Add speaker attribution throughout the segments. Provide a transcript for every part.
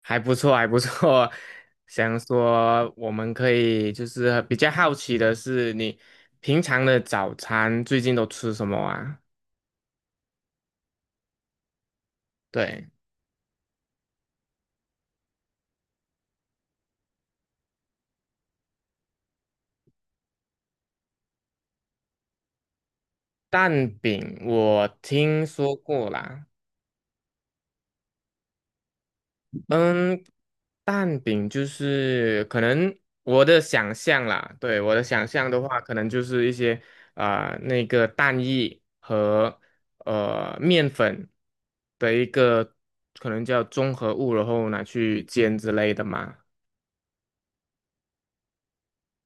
Speaker 1: 还不错，还不错。想说我们可以比较好奇的是，你平常的早餐最近都吃什么啊？对，蛋饼我听说过啦。嗯，蛋饼就是可能我的想象啦，对，我的想象的话，可能就是一些那个蛋液和面粉的一个可能叫综合物，然后拿去煎之类的嘛。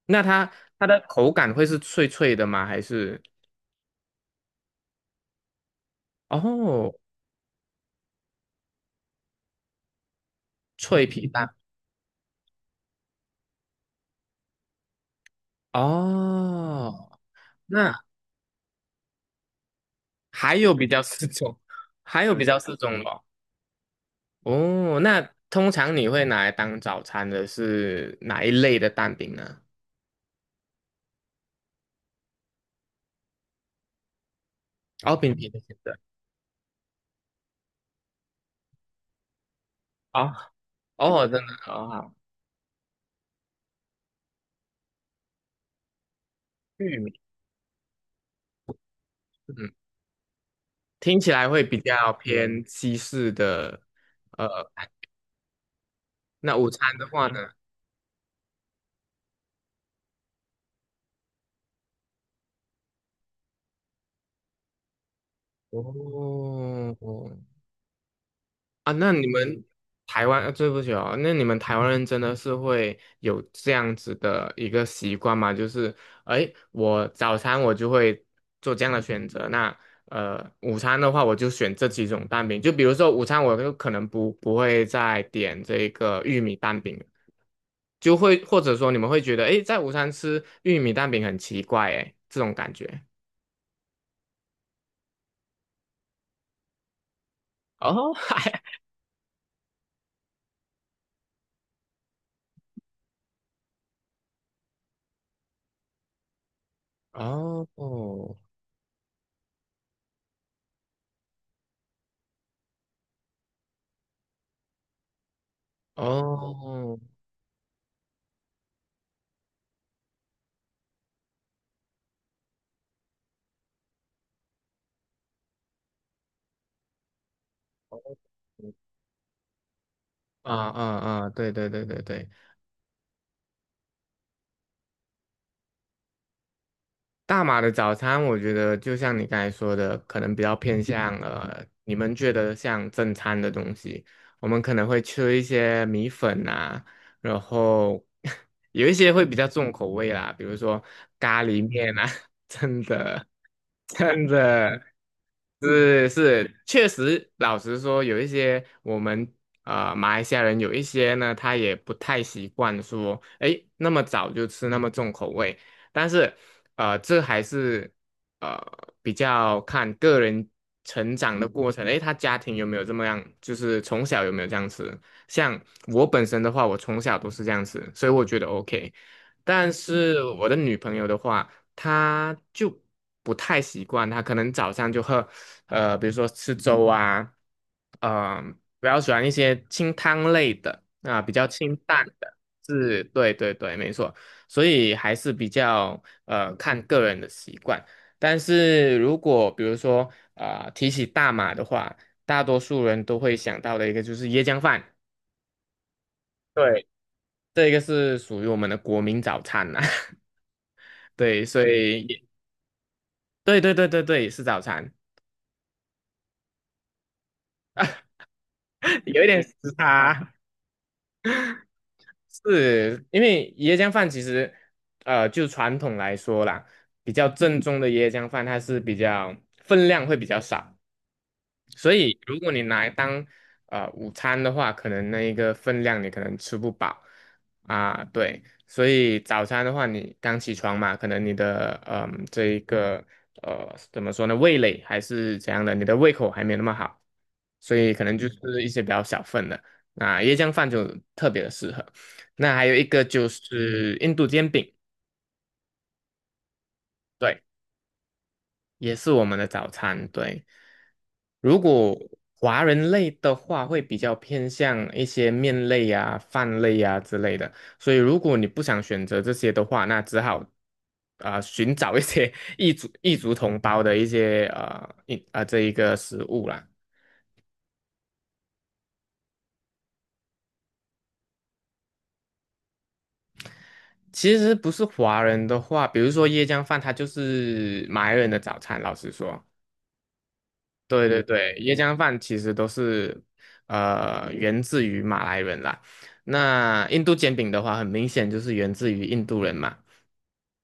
Speaker 1: 那它的口感会是脆脆的吗？还是哦脆皮蛋？哦，那还有比较四种，还有比较四种咯。哦，那通常你会拿来当早餐的是哪一类的蛋饼呢？哦，饼皮的选择。哦，哦，真的哦，好，玉米，嗯，听起来会比较偏西式的。呃，那午餐的话呢？哦，啊，那你们台湾，对不起哦，那你们台湾人真的是会有这样子的一个习惯吗？就是，哎，我早餐我就会做这样的选择，那午餐的话我就选这几种蛋饼，就比如说午餐我就可能不会再点这个玉米蛋饼了，就会或者说你们会觉得，哎，在午餐吃玉米蛋饼很奇怪，哎，这种感觉。哦，哦哦哦。啊啊啊！对对对对对，大马的早餐，我觉得就像你刚才说的，可能比较偏向你们觉得像正餐的东西，我们可能会吃一些米粉啊，然后 有一些会比较重口味啦，比如说咖喱面啊，真的真的，是是，确实，老实说，有一些我们马来西亚人有一些呢，他也不太习惯说，诶，那么早就吃那么重口味。但是，这还是呃比较看个人成长的过程，诶，他家庭有没有这么样，就是从小有没有这样吃。像我本身的话，我从小都是这样吃，所以我觉得 OK。但是我的女朋友的话，他就不太习惯，他可能早上就喝，比如说吃粥啊，嗯、比较喜欢一些清汤类的啊、比较清淡的，是，对对对，没错，所以还是比较看个人的习惯。但是如果比如说提起大马的话，大多数人都会想到的一个就是椰浆饭，对，这个是属于我们的国民早餐呐、对，所以也对对对对对，是早餐。有一点时差，是因为椰浆饭其实，就传统来说啦，比较正宗的椰浆饭，它是比较分量会比较少，所以，如果你拿来当午餐的话，可能那一个分量你可能吃不饱啊，对。所以早餐的话，你刚起床嘛，可能你的嗯这一个怎么说呢，味蕾还是怎样的，你的胃口还没那么好，所以可能就嗯是一些比较小份的。那椰浆饭就特别的适合。那还有一个就是印度煎饼。对。也是我们的早餐。对，如果华人类的话，会比较偏向一些面类啊、饭类啊之类的。所以，如果你不想选择这些的话，那只好寻找一些 异族同胞的一些呃一啊、呃这一个食物啦。其实不是华人的话，比如说椰浆饭，它就是马来人的早餐。老实说，对对对，椰浆饭其实都是源自于马来人啦。那印度煎饼的话，很明显就是源自于印度人嘛。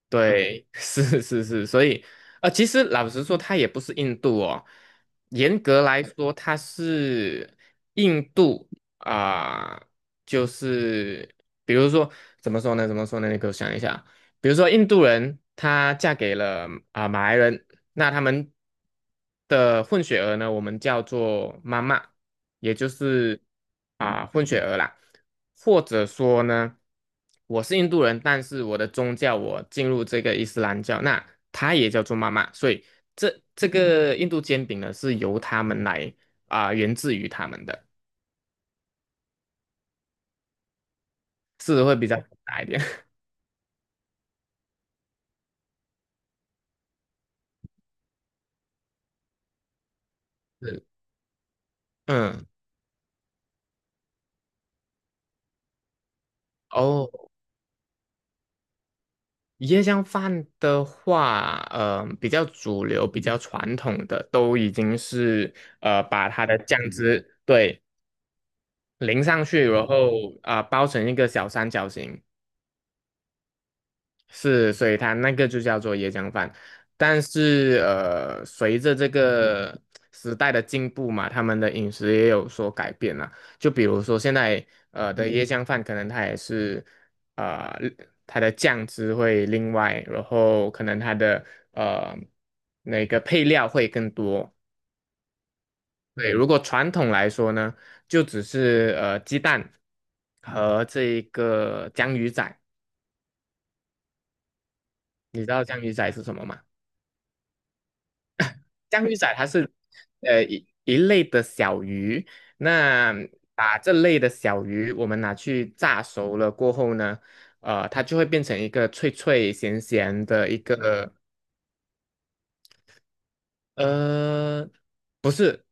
Speaker 1: 对，是是是，所以其实老实说，它也不是印度哦，严格来说，它是印度啊、就是比如说怎么说呢？怎么说呢？你给我想一下，比如说印度人她嫁给了马来人，那他们的混血儿呢，我们叫做妈妈。也就是混血儿啦，或者说呢，我是印度人，但是我的宗教我进入这个伊斯兰教，那他也叫做妈妈，所以这个印度煎饼呢是由他们来源自于他们的，是会比较大一点。是，嗯，哦，椰浆饭的话，嗯比较主流、比较传统的，都已经是把它的酱汁对。淋上去，然后包成一个小三角形，是，所以它那个就叫做椰浆饭。但是随着这个时代的进步嘛，他们的饮食也有所改变了。就比如说现在的椰浆饭，可能它也是呃它的酱汁会另外，然后可能它的呃那个配料会更多，对，如果传统来说呢，就只是鸡蛋和这一个江鱼仔，你知道江鱼仔是什么吗？江鱼仔它是一类的小鱼，那把这类的小鱼我们拿去炸熟了过后呢，它就会变成一个脆脆咸咸的一个呃，不是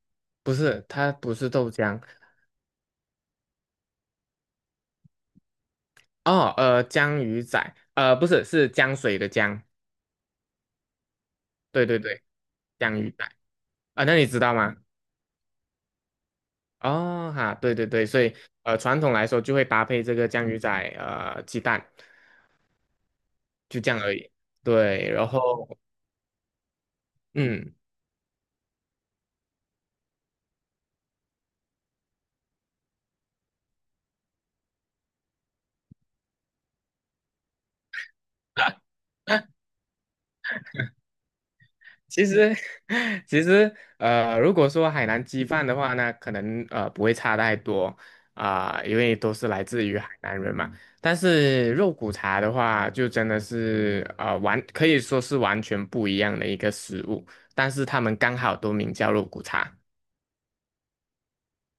Speaker 1: 不是，它不是豆浆哦。江鱼仔，不是是江水的江。对对对，降鱼仔啊，那你知道吗？哦哈，对对对，所以传统来说就会搭配这个酱鱼仔鸡蛋，就这样而已。对，然后嗯。其实，其实，如果说海南鸡饭的话呢，可能不会差太多因为都是来自于海南人嘛。但是肉骨茶的话，就真的是可以说是完全不一样的一个食物，但是他们刚好都名叫肉骨茶。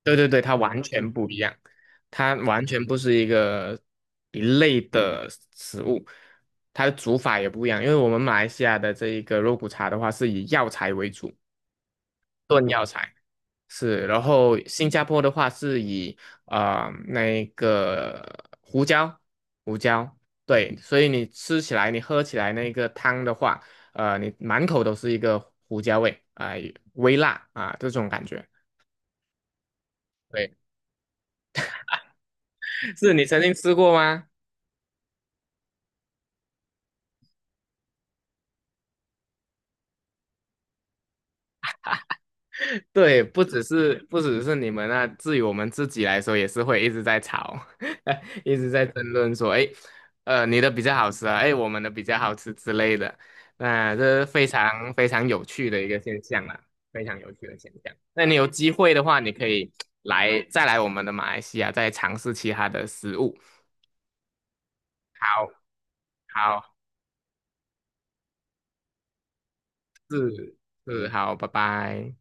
Speaker 1: 对对对，它完全不一样，它完全不是一个一类的食物，它的煮法也不一样。因为我们马来西亚的这一个肉骨茶的话，是以药材为主。炖药材。是，然后新加坡的话是以那个胡椒，胡椒，对，所以你吃起来，你喝起来那个汤的话，你满口都是一个胡椒味，啊、微辣啊、这种感觉。对，是你曾经吃过吗？对，不只是你们啊，至于我们自己来说，也是会一直在吵，一直在争论说，哎，你的比较好吃啊，哎，我们的比较好吃之类的。那这是非常非常有趣的一个现象啦，非常有趣的现象。那你有机会的话，你可以再来我们的马来西亚，再尝试其他的食物。好，好，是是，好，拜拜。